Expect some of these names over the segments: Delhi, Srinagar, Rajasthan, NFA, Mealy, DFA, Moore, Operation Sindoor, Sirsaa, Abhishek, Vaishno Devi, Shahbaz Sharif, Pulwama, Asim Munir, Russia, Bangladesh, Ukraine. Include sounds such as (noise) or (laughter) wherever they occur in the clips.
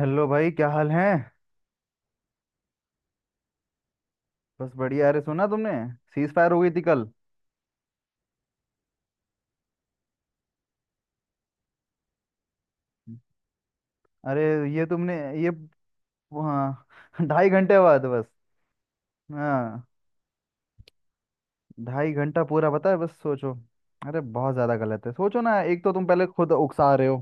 Hello भाई, क्या हाल है। बस बढ़िया। अरे सुना तुमने, सीज फायर हो गई थी कल। अरे ये तुमने। ये। हाँ (laughs) 2.5 घंटे बाद बस। हाँ, 2.5 घंटा पूरा, पता है बस सोचो। अरे बहुत ज़्यादा गलत है। सोचो ना, एक तो तुम पहले खुद उकसा रहे हो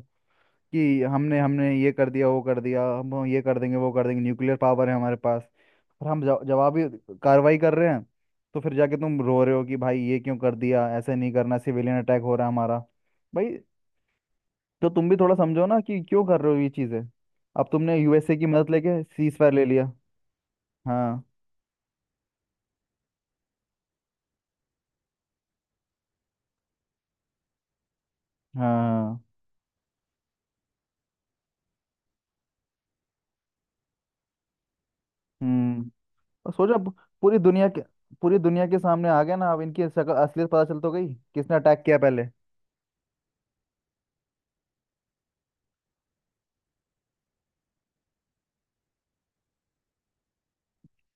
कि हमने हमने ये कर दिया वो कर दिया, हम ये कर देंगे वो कर देंगे, न्यूक्लियर पावर है हमारे पास। और हम जवाबी कार्रवाई कर रहे हैं। तो फिर जाके तुम रो रहे हो कि भाई ये क्यों कर दिया, ऐसे नहीं करना, सिविलियन अटैक हो रहा है हमारा भाई। तो तुम भी थोड़ा समझो ना कि क्यों कर रहे हो ये चीजें। अब तुमने यूएसए की मदद लेके सीज फायर ले लिया। हाँ हाँ हाँ। हम्म। और सोचो अब, पूरी दुनिया के पूरी दुनिया के सामने आ गया ना, अब इनकी शक्ल, असलियत पता चल तो गई किसने अटैक किया पहले।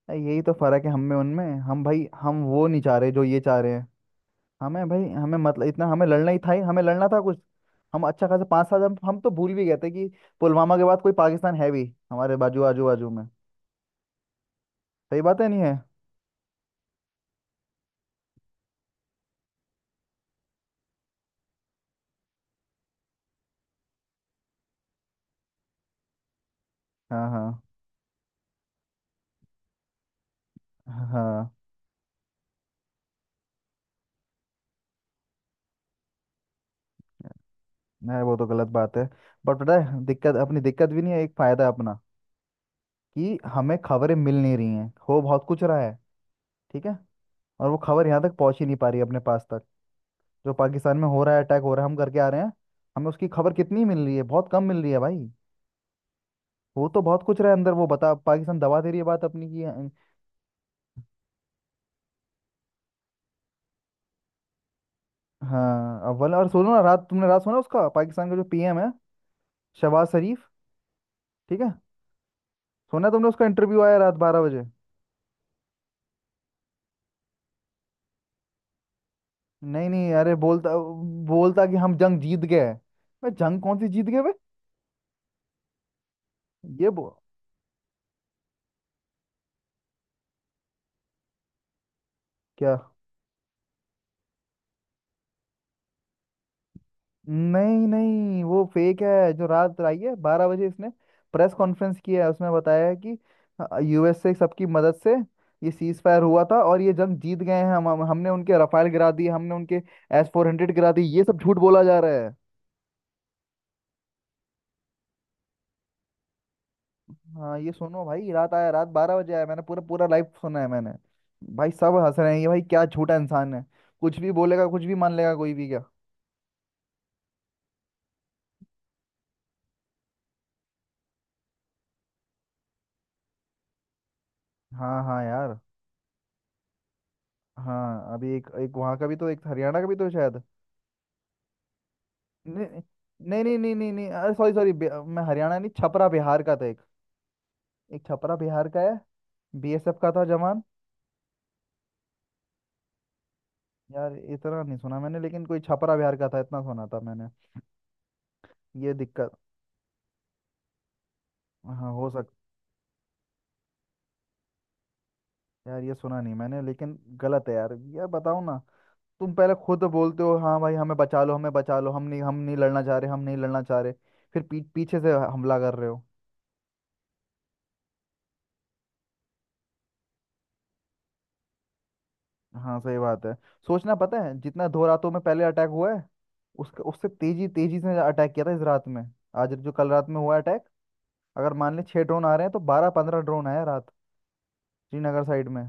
अरे यही तो फर्क है हम में उनमें। हम भाई हम वो नहीं चाह रहे जो ये चाह रहे हैं। हमें भाई हमें, मतलब इतना हमें लड़ना ही था। ही हमें लड़ना था कुछ। हम अच्छा खासा 5 साल, हम तो भूल भी गए थे कि पुलवामा के बाद कोई पाकिस्तान है भी हमारे बाजू, आजू बाजू में। सही बात है, नहीं है। हाँ हाँ हाँ। नहीं, वो तो गलत बात है। बट पता है, दिक्कत, अपनी दिक्कत भी नहीं है, एक फायदा है अपना कि हमें खबरें मिल नहीं रही हैं, हो बहुत कुछ रहा है। ठीक है। और वो खबर यहाँ तक पहुंच ही नहीं पा रही है अपने पास तक। जो पाकिस्तान में हो रहा है, अटैक हो रहा है, हम करके आ रहे हैं, हमें उसकी खबर कितनी मिल रही है? बहुत कम मिल रही है भाई। वो तो बहुत कुछ रहा है अंदर, वो बता, पाकिस्तान दबा दे रही है बात अपनी की हाँ अव्वल। और सुनो ना, रात तुमने रात सुना उसका, पाकिस्तान का जो पीएम है, शहबाज शरीफ। ठीक है। सुना तुमने, उसका इंटरव्यू आया रात 12 बजे। नहीं नहीं, अरे बोलता। बोलता कि हम जंग जीत गए। बे जंग कौन सी जीत गए बे? ये बो, क्या, नहीं नहीं, वो फेक है जो रात आई है 12 बजे। इसने प्रेस कॉन्फ्रेंस किया है, उसमें बताया है कि यूएसए सबकी मदद से ये सीज फायर हुआ था और ये जंग जीत गए हैं हम। हमने उनके रफाल गिरा दिए, हमने उनके S-400 गिरा दिए। ये सब झूठ बोला जा रहा है। हाँ, ये सुनो भाई, रात आया, रात 12 बजे आया, मैंने पूरा पूरा लाइव सुना है मैंने। भाई सब हंस रहे हैं ये। भाई क्या छोटा इंसान है, कुछ भी बोलेगा, कुछ भी मान लेगा कोई भी क्या। हाँ हाँ यार। हाँ, अभी एक, एक वहाँ का भी तो, एक हरियाणा का भी तो शायद। नहीं नहीं नहीं नहीं नहीं, नहीं, अरे सॉरी सॉरी, मैं हरियाणा नहीं, छपरा बिहार का था एक। एक छपरा बिहार का है, बीएसएफ का था जवान। यार इतना नहीं सुना मैंने, लेकिन कोई छपरा बिहार का था इतना सुना था मैंने। ये दिक्कत। हाँ, हो सक। यार ये सुना नहीं मैंने, लेकिन गलत है यार। यार बताओ ना, तुम पहले खुद बोलते हो हाँ भाई हमें बचा लो, हमें बचा लो, हम नहीं, हम नहीं लड़ना चाह रहे, हम नहीं लड़ना चाह रहे। फिर पीछे से हमला कर रहे हो। हाँ सही बात है। सोचना, पता है जितना दो रातों में पहले अटैक हुआ है, उसका, उससे तेजी, तेजी से अटैक किया था इस रात में। आज जो कल रात में हुआ अटैक, अगर मान ले 6 ड्रोन आ रहे हैं तो 12 15 ड्रोन आए हैं रात, श्रीनगर साइड में।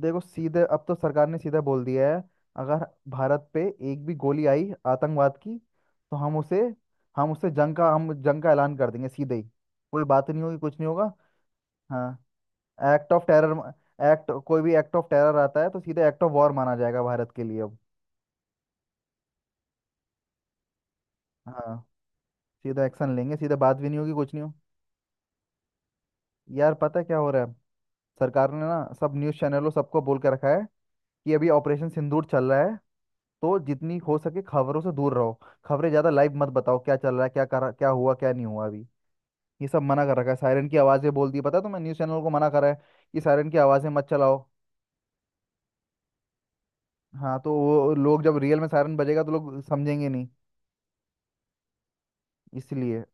देखो, सीधे अब तो सरकार ने सीधा बोल दिया है, अगर भारत पे एक भी गोली आई आतंकवाद की, तो हम उसे, हम उसे जंग का, हम जंग का ऐलान कर देंगे सीधे ही। कोई बात नहीं होगी, कुछ नहीं होगा। हाँ। एक्ट ऑफ टेरर, एक्ट, कोई भी एक्ट ऑफ टेरर आता है तो सीधे एक्ट ऑफ वॉर माना जाएगा भारत के लिए अब। हाँ सीधा एक्शन लेंगे, सीधे बात भी नहीं होगी, कुछ नहीं हो। यार पता है क्या हो रहा है, सरकार ने ना सब न्यूज़ चैनलों, सबको बोल के रखा है कि अभी ऑपरेशन सिंदूर चल रहा है, तो जितनी हो सके खबरों से दूर रहो। खबरें ज्यादा लाइव मत बताओ, क्या चल रहा है, क्या कर, क्या हुआ, क्या नहीं हुआ अभी। ये सब मना कर रखा है। सायरन की आवाजें बोल दी, पता है तुम्हें, न्यूज चैनल को मना करा है कि सायरन की आवाजें मत चलाओ। हाँ, तो वो लोग जब रियल में सायरन बजेगा तो लोग समझेंगे नहीं, इसलिए।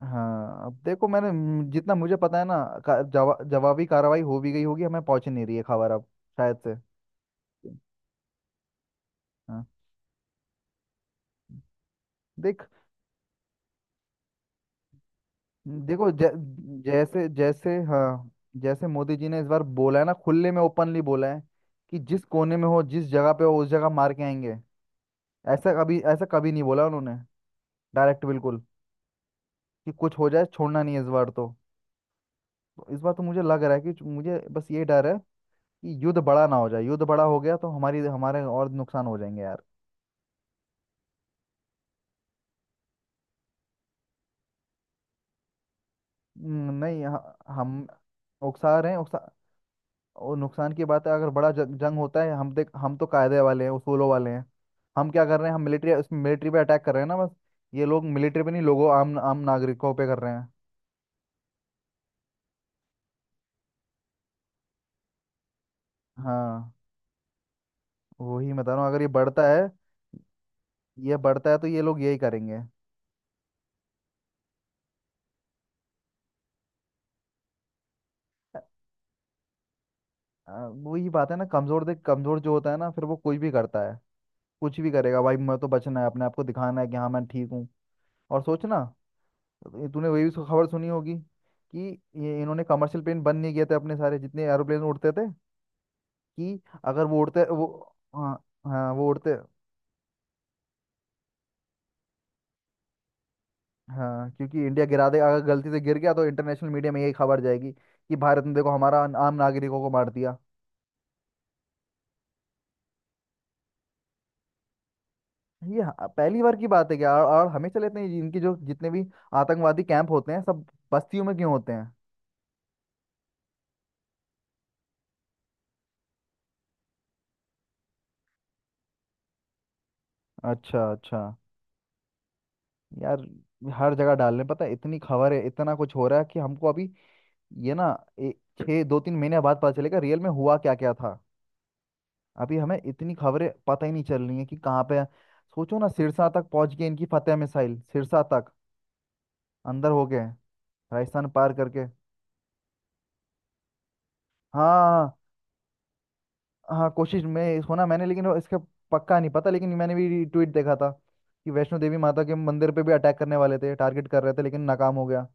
हाँ, अब देखो, मैंने जितना मुझे पता है ना, जवाबी कार्रवाई हो भी गई होगी, हमें पहुंच नहीं रही है खबर अब शायद से। हाँ देख। देखो, जैसे जैसे, हाँ, जैसे मोदी जी ने इस बार बोला है ना, खुले में ओपनली बोला है कि जिस कोने में हो, जिस जगह पे हो, उस जगह मार के आएंगे। ऐसा कभी, ऐसा कभी नहीं बोला उन्होंने। डायरेक्ट बिल्कुल, कि कुछ हो जाए छोड़ना नहीं है इस बार तो। तो इस बार तो मुझे लग रहा है कि मुझे बस ये डर है कि युद्ध बड़ा ना हो जाए, युद्ध बड़ा हो गया तो हमारी, हमारे और नुकसान हो जाएंगे यार। नहीं हम उकसा रहे हैं उकसा। और नुकसान की बात है, अगर बड़ा जंग, जंग होता है, हम देख, हम तो कायदे वाले हैं, उसूलों वाले हैं। हम क्या कर रहे हैं, हम मिलिट्री, उसमें मिलिट्री पे अटैक कर रहे हैं ना बस। ये लोग मिलिट्री पे नहीं, लोगों, आम आम नागरिकों पे कर रहे हैं। हाँ वही बता रहा हूँ, अगर ये बढ़ता है, ये बढ़ता है तो ये लोग यही करेंगे। आ, वही बात है ना, कमजोर देख, कमजोर जो होता है ना फिर वो कुछ भी करता है। कुछ भी करेगा भाई, मैं तो बचना है अपने आप को, दिखाना है कि हाँ मैं ठीक हूँ। और सोचना, ये तूने वही खबर सुनी होगी कि ये इन्होंने कमर्शियल प्लेन बंद नहीं किए थे अपने, सारे जितने एरोप्लेन उड़ते थे, कि अगर वो उड़ते वो। हाँ। हाँ वो उड़ते, हाँ क्योंकि इंडिया गिरा देगा, अगर गलती से गिर गया तो इंटरनेशनल मीडिया में यही खबर जाएगी कि भारत ने देखो हमारा आम नागरिकों को मार दिया। ये पहली बार की बात है क्या? और हमेशा लेते हैं, इनकी जो जितने भी आतंकवादी कैंप होते हैं सब बस्तियों में क्यों होते हैं। अच्छा अच्छा। यार हर जगह डाल रहे हैं, पता है इतनी खबर है, इतना कुछ हो रहा है कि हमको अभी, ये ना, ए, 6 2 3 महीने बाद पता चलेगा रियल में हुआ क्या क्या था। अभी हमें इतनी खबरें पता ही नहीं चल रही हैं कि कहाँ पे। सोचो ना, सिरसा तक पहुंच गए इनकी फतेह मिसाइल, सिरसा तक अंदर हो गए राजस्थान पार करके। हाँ हाँ, कोशिश में होना मैंने, लेकिन वो इसका पक्का नहीं पता, लेकिन मैंने भी ट्वीट देखा था कि वैष्णो देवी माता के मंदिर पे भी अटैक करने वाले थे, टारगेट कर रहे थे लेकिन नाकाम हो गया।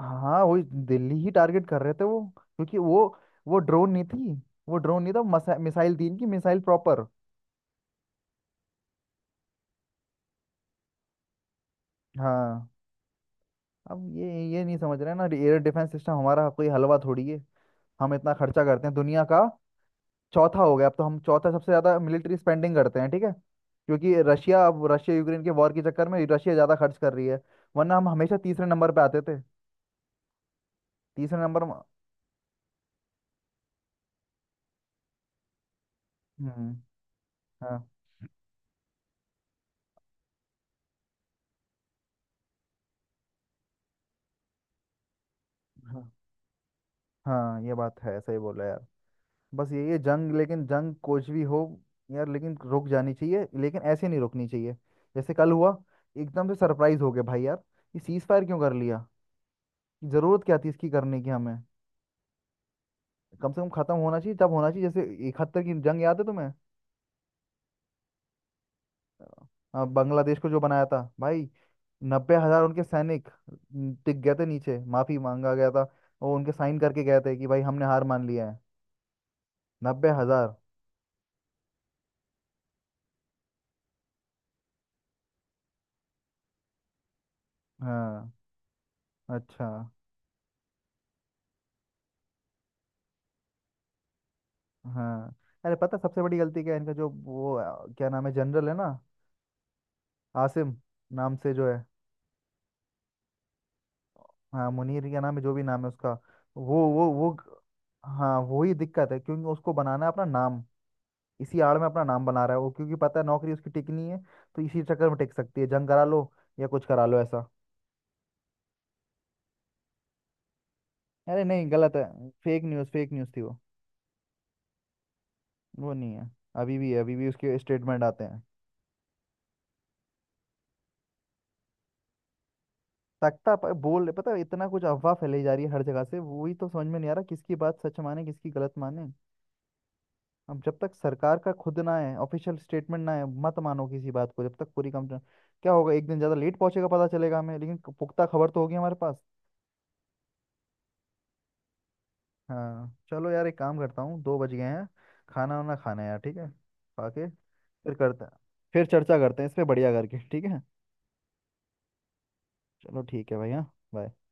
हाँ वही, दिल्ली ही टारगेट कर रहे थे वो, क्योंकि वो ड्रोन नहीं थी, वो ड्रोन नहीं था, मिसाइल थी इनकी, मिसाइल प्रॉपर। हाँ, अब ये नहीं समझ रहे हैं ना, एयर डिफेंस सिस्टम हमारा कोई हलवा थोड़ी है। हम इतना खर्चा करते हैं, दुनिया का चौथा हो गया अब तो, हम चौथा सबसे ज्यादा मिलिट्री स्पेंडिंग करते हैं। ठीक है, क्योंकि रशिया, अब रशिया यूक्रेन के वॉर के चक्कर में रशिया ज्यादा खर्च कर रही है, वरना हम हमेशा तीसरे नंबर पे आते थे। तीसरे नंबर हम्म। हाँ। हाँ हाँ, ये बात है, सही बोला यार। बस ये जंग, लेकिन जंग कुछ भी हो यार, लेकिन रुक जानी चाहिए, लेकिन ऐसे नहीं रुकनी चाहिए जैसे कल हुआ। एकदम से सरप्राइज हो गए भाई यार, ये सीज फायर क्यों कर लिया, जरूरत क्या थी इसकी करने की हमें। कम से कम खत्म होना चाहिए तब होना चाहिए जैसे 71 की जंग, याद है तुम्हें, बांग्लादेश को जो बनाया था भाई। 90,000 उनके सैनिक, न, टिक गए थे नीचे, माफी मांगा गया था, वो उनके साइन करके गए थे कि भाई हमने हार मान लिया है। 90,000। हाँ अच्छा। हाँ, अरे पता है सबसे बड़ी गलती क्या है इनका, जो वो, क्या नाम है जनरल है ना, आसिम नाम से जो है। हाँ मुनीर, क्या नाम है, जो भी नाम है उसका। वो वो। हाँ वही दिक्कत है, क्योंकि उसको बनाना है अपना नाम, इसी आड़ में अपना नाम बना रहा है वो, क्योंकि पता है नौकरी उसकी टिकनी है, तो इसी चक्कर में टिक सकती है, जंग करा लो या कुछ करा लो ऐसा। अरे नहीं, गलत है, फेक न्यूज़, फेक न्यूज़ थी वो नहीं है, अभी भी है, अभी भी उसके स्टेटमेंट आते हैं। तख्ता पर बोल, पता है इतना कुछ अफवाह फैलाई जा रही है हर जगह से, वही तो समझ में नहीं आ रहा किसकी बात सच माने, किसकी गलत माने। अब जब तक सरकार का खुद ना है, ऑफिशियल स्टेटमेंट ना है, मत मानो किसी बात को जब तक पूरी कंप्लेन। क्या होगा, एक दिन ज़्यादा लेट पहुंचेगा, पता चलेगा हमें, लेकिन पुख्ता खबर तो होगी हमारे पास। हाँ चलो यार, एक काम करता हूँ, 2 बज गए हैं, खाना वाना खाना है यार, ठीक है, खा के फिर करते हैं। फिर चर्चा करते हैं इस पे बढ़िया करके, ठीक है। चलो ठीक है भाई। हाँ, bye।